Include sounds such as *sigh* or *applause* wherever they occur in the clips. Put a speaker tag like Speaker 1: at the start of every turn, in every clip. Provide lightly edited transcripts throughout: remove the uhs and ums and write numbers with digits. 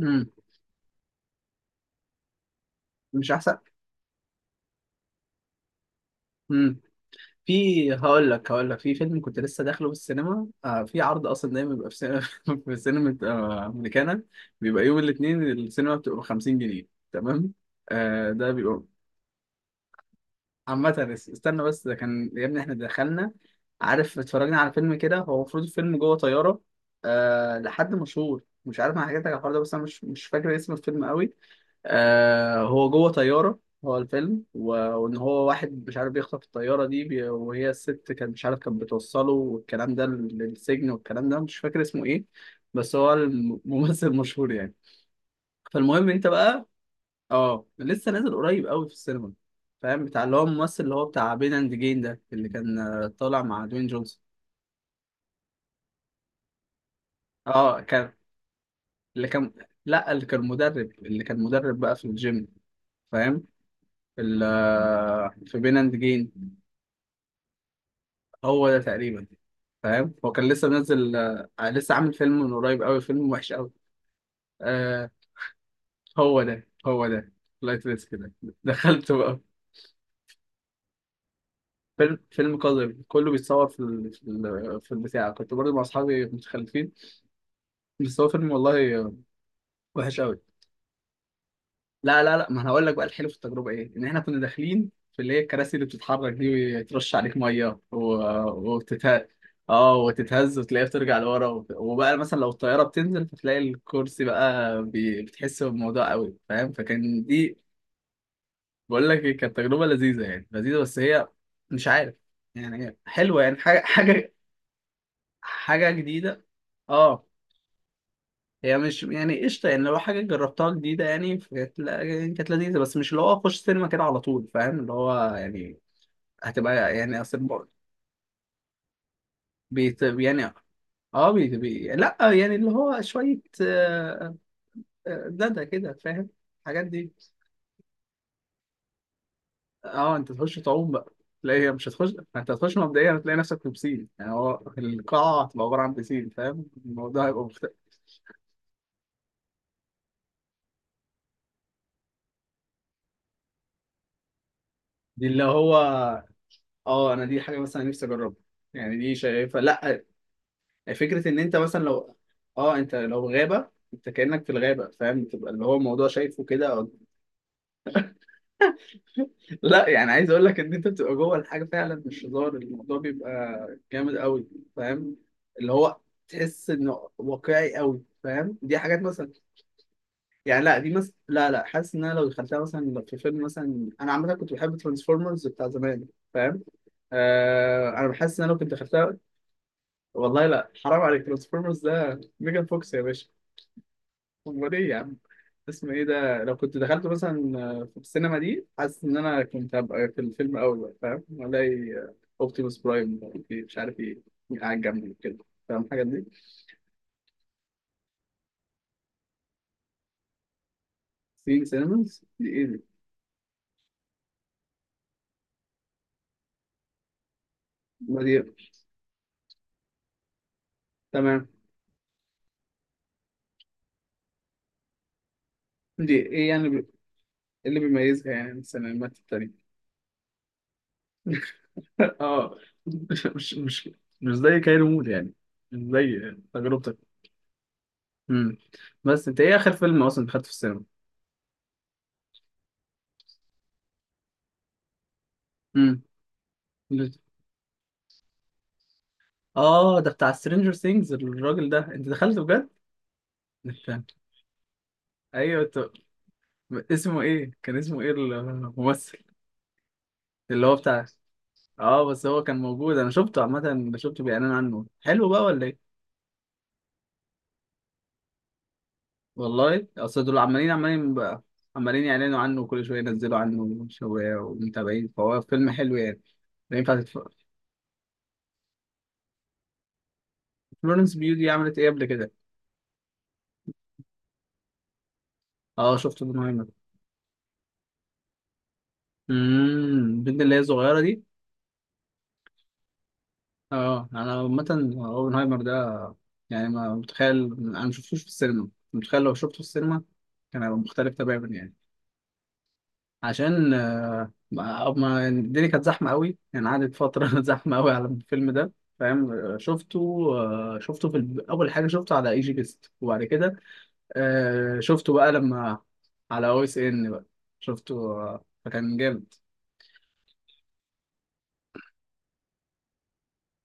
Speaker 1: امم مش احسن. امم في هقول لك في فيلم كنت لسه داخله في السينما في عرض اصلا دايما بيبقى في سينما. *laughs* في سينما، امريكانا. بيبقى يوم الاثنين السينما بتبقى ب 50 جنيه. تمام. ده بيبقى عامة استنى بس ده كان يا ابني احنا دخلنا. عارف اتفرجنا على فيلم كده، هو المفروض الفيلم جوه طيارة. لحد مشهور مش عارف، انا حكيت لك على الحوار ده بس انا مش فاكر اسم الفيلم قوي. هو جوه طيارة. هو الفيلم وإن هو واحد مش عارف بيخطف الطيارة دي وهي الست كانت مش عارف كانت بتوصله والكلام ده للسجن والكلام ده مش فاكر اسمه إيه. بس هو الممثل *laughs* مشهور يعني. فالمهم أنت بقى لسه نازل قريب قوي في السينما. فاهم بتاع اللي هو الممثل اللي هو بتاع بين أند جين ده اللي كان، طالع مع دوين جونسون. كان، اللي كان، لا اللي كان مدرب، اللي كان مدرب بقى في الجيم، فاهم في في بين اند جيم. هو ده تقريبا. فاهم هو كان لسه منزل، لسه عامل فيلم من قريب قوي فيلم وحش قوي. آه هو ده هو ده. لايت ريسك ده دخلته بقى. فيلم قذر، كله بيتصور في في البتاع، كنت برضه مع اصحابي متخلفين. بس هو فيلم والله وحش قوي. لا لا لا، ما انا هقول لك بقى الحلو في التجربه ايه، ان احنا كنا داخلين في اللي هي الكراسي اللي بتتحرك دي ويترش عليك ميه وتتهز. اه وتتهز وتلاقيها بترجع لورا وبقى مثلا لو الطياره بتنزل فتلاقي الكرسي بقى بتحس بالموضوع قوي، فاهم، فكان دي. بقول لك إيه، كانت تجربه لذيذه يعني، لذيذه بس هي مش عارف، يعني هي حلوه يعني، حاجه جديده. اه هي مش يعني قشطة، يعني لو حاجة جربتها جديدة يعني كانت يعني كانت لذيذة بس مش اللي هو أخش سينما كده على طول، فاهم اللي هو يعني هتبقى يعني أصل بيت يعني. اه بي بي لا يعني اللي هو شوية، دادا كده، فاهم الحاجات دي. اه انت تخش تعوم بقى. لا هي مش هتخش. انت هتخش مبدئيا هتلاقي نفسك في بسين، يعني هو القاعة هتبقى عبارة عن بسين، فاهم، الموضوع هيبقى مختلف. دي اللي هو، اه انا دي حاجة مثلا نفسي اجربها يعني، دي شايفة لا، فكره ان انت مثلا لو، اه انت لو غابه انت كانك في الغابه، فاهم بتبقى اللي هو الموضوع شايفه كده أو... *laughs* لا يعني عايز اقول لك ان انت بتبقى جوه الحاجه فعلا، مش هزار، الموضوع بيبقى جامد قوي فاهم اللي هو تحس انه واقعي قوي، فاهم دي حاجات مثلا. يعني لا دي مثلا لا لا، حاسس ان انا لو دخلتها مثلا في فيلم، مثلا انا عامه كنت بحب ترانسفورمرز بتاع زمان، فاهم انا بحس ان انا لو كنت دخلتها، والله لا حرام عليك، ترانسفورمرز ده ميجان فوكس يا باشا. امال ايه يا عم، اسمه ايه ده لو كنت دخلت مثلا، في السينما دي حاسس ان انا كنت هبقى في الفيلم اول بقى، فاهم الاقي، اوبتيموس برايم مش عارف ايه قاعد جنبي كده، فاهم الحاجات دي. سين سينماز دي ايه دي؟ ما دي. تمام. دي ايه يعني إيه اللي بيميزها يعني عن السينمات التانية؟ *laughs* اه مش مش مش مش زي كايرو مود يعني، مش زي تجربتك. امم بس انت ايه اخر فيلم اصلا دخلت في السينما؟ امم اه ده بتاع سترينجر ثينجز الراجل ده، انت دخلت بجد؟ انت، ايوه انت. اسمه ايه كان، اسمه ايه الممثل اللي هو بتاع؟ اه بس هو كان موجود، انا شفته عامه، شفته بيعلن عنه. حلو بقى ولا ايه؟ والله اصل دول عمالين عمالين بقى، عمالين يعلنوا عنه وكل شويه ينزلوا عنه شويه ومتابعين، فهو فيلم حلو يعني، لا ينفع تتفرج. فلورنس بيوتي عملت ايه قبل كده؟ اه شفته ده مهم. البنت اللي هي صغيره دي. اه انا عامة اوبنهايمر ده، يعني ما متخيل، انا ما شفتوش في السينما، متخيل لو شفته في السينما كان هيبقى مختلف تماما يعني. عشان يعني الدنيا كانت زحمة قوي، يعني قعدت فترة *laughs* زحمة قوي على الفيلم ده، فاهم. شفته في اول حاجة شفته على اي جي بيست، وبعد كده شفته بقى لما على او اس إيه ان بقى، شفته فكان جامد.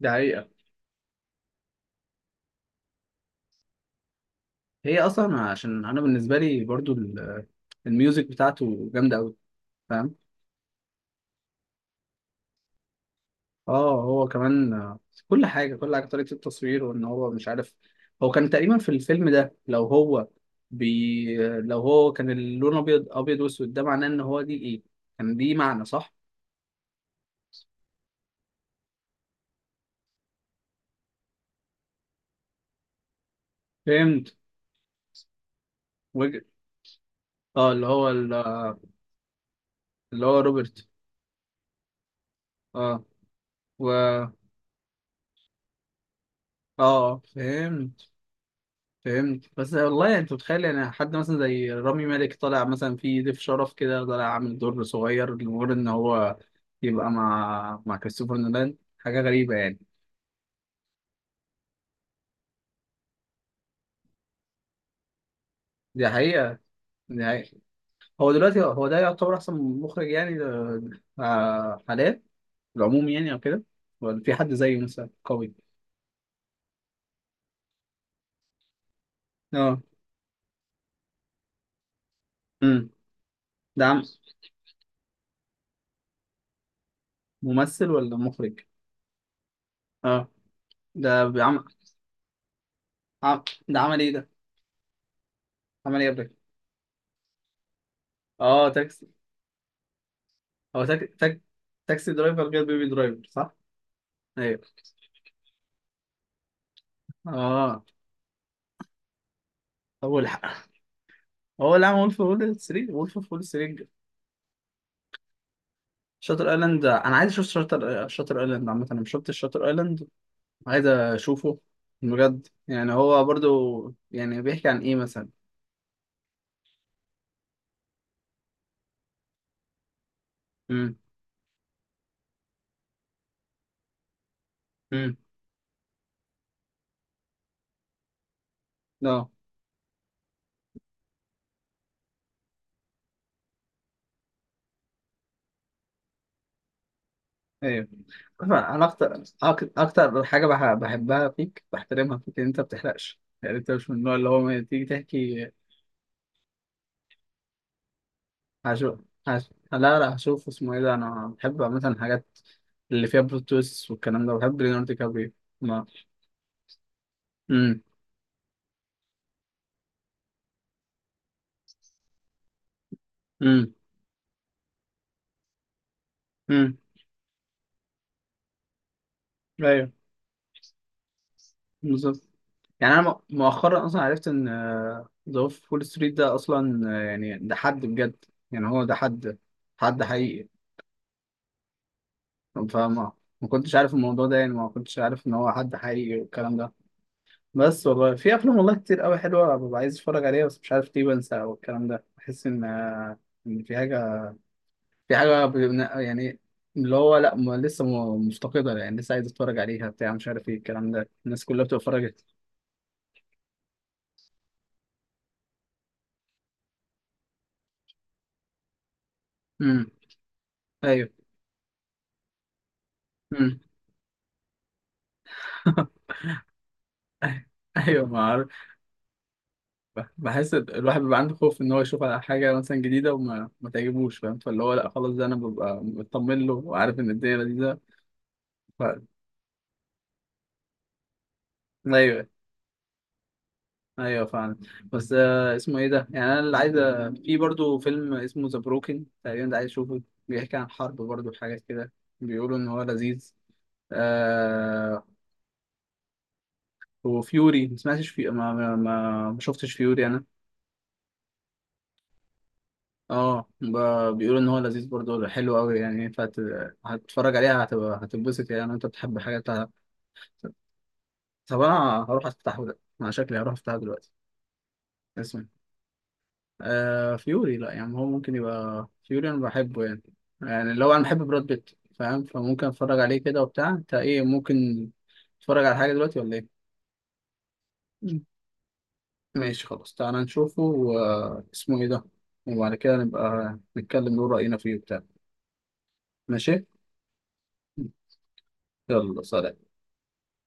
Speaker 1: ده حقيقة. هي اصلا عشان انا بالنسبة لي برضو الميوزك بتاعته جامدة قوي، فاهم. اه هو كمان، كل حاجه كل حاجه طريقه التصوير وان هو مش عارف، هو كان تقريبا في الفيلم ده، لو هو لو هو كان اللون ابيض واسود، ده معناه ان هو دي ايه كان، دي معنى صح؟ فهمت. وجه. اه اللي هو اللي هو روبرت. اه و اه آه، فهمت. فهمت بس والله يعني، انت متخيل يعني حد مثلا زي رامي مالك طالع مثلا في ضيف شرف كده، طالع عامل دور صغير لمجرد ان هو يبقى مع مع كريستوفر نولان، حاجة غريبة يعني. دي حقيقة. دي حقيقة. هو دلوقتي هو ده يعتبر أحسن مخرج يعني؟ حاليا العموم يعني أو كده، ولا في حد زيه مثلا قوي؟ اه. امم ده عم، ممثل ولا مخرج؟ اه ده عم... ده عمل ايه ده؟ عمل ايه قبلك؟ اه تاكسي. هو تاكسي درايفر غير بيبي درايفر، صح؟ ايوه. اه هو الحق، هو اللي عمل وولف اوف وول ستريت، وولف اوف وول ستريت. شاتر ايلاند، انا عايز اشوف شاتر ايلاند عامة، انا مش شفتش شاتر ايلاند، عايز اشوفه. بجد؟ يعني هو برضو يعني بيحكي عن ايه مثلا؟ امم امم اه ايوه طبعا. انا اكتر اكتر حاجه بحبها فيك، بحترمها فيك ان انت ما بتحرقش يعني، انت مش من النوع اللي هو ما تيجي تحكي. هشوف. لا لا، هشوف اسمه ايه ده. انا بحب مثلا الحاجات اللي فيها بلوت تويست والكلام ده، بحب ليوناردو دي كابريو. ما، امم امم امم ايوه بالظبط. يعني انا مؤخرا اصلا عرفت ان ذا وولف فول ستريت ده اصلا، يعني ده حد بجد، يعني هو ده حد حقيقي. فما، ما كنتش عارف الموضوع ده، يعني ما كنتش عارف ان هو حد حقيقي والكلام ده. بس والله في افلام والله كتير قوي حلوه، ببقى عايز اتفرج عليها بس مش عارف ليه بنسى، والكلام ده بحس ان إن في حاجه، في حاجه ب- يعني اللي هو لا، ما لسه مفتقدة يعني، لسه عايز اتفرج عليها بتاع، مش عارف ايه الكلام ده، الناس كلها بتبقى اتفرجت. امم ايوه. امم *laughs* ايوه، ما اعرف. بحس الواحد بيبقى عنده خوف ان هو يشوف على حاجه مثلا جديده وما ما تعجبوش، فاهم، فاللي هو لا خلاص ده انا ببقى مطمن له وعارف ان الدنيا لذيذه. ف... ايوه، ايوه فعلا. بس اسمه ايه ده، يعني انا اللي عايز في برضو فيلم اسمه ذا بروكن تقريبا ده عايز اشوفه، بيحكي عن حرب برضو حاجات كده، بيقولوا ان هو لذيذ. آه وفيوري ما سمعتش في، ما شفتش فيوري انا. اه بيقولوا ان هو لذيذ برضه، حلو قوي يعني، ينفع ت- هتتفرج عليها هتبقى هتتبسط يعني، انت بتحب حاجات بتاع- طب انا هروح افتحه ده، انا شكلي هروح افتحه دلوقتي. اسمه فيوري؟ لا يعني هو ممكن يبقى فيوري انا بحبه يعني، يعني لو انا بحب براد بيت، فاهم، فممكن اتفرج عليه كده وبتاع. انت ايه، ممكن تتفرج على حاجه دلوقتي ولا ايه؟ مم. ماشي خلاص، تعالى نشوفه واسمه ايه ده، وبعد كده نبقى نتكلم نقول راينا فيه وبتاع. ماشي. يلا، سلام.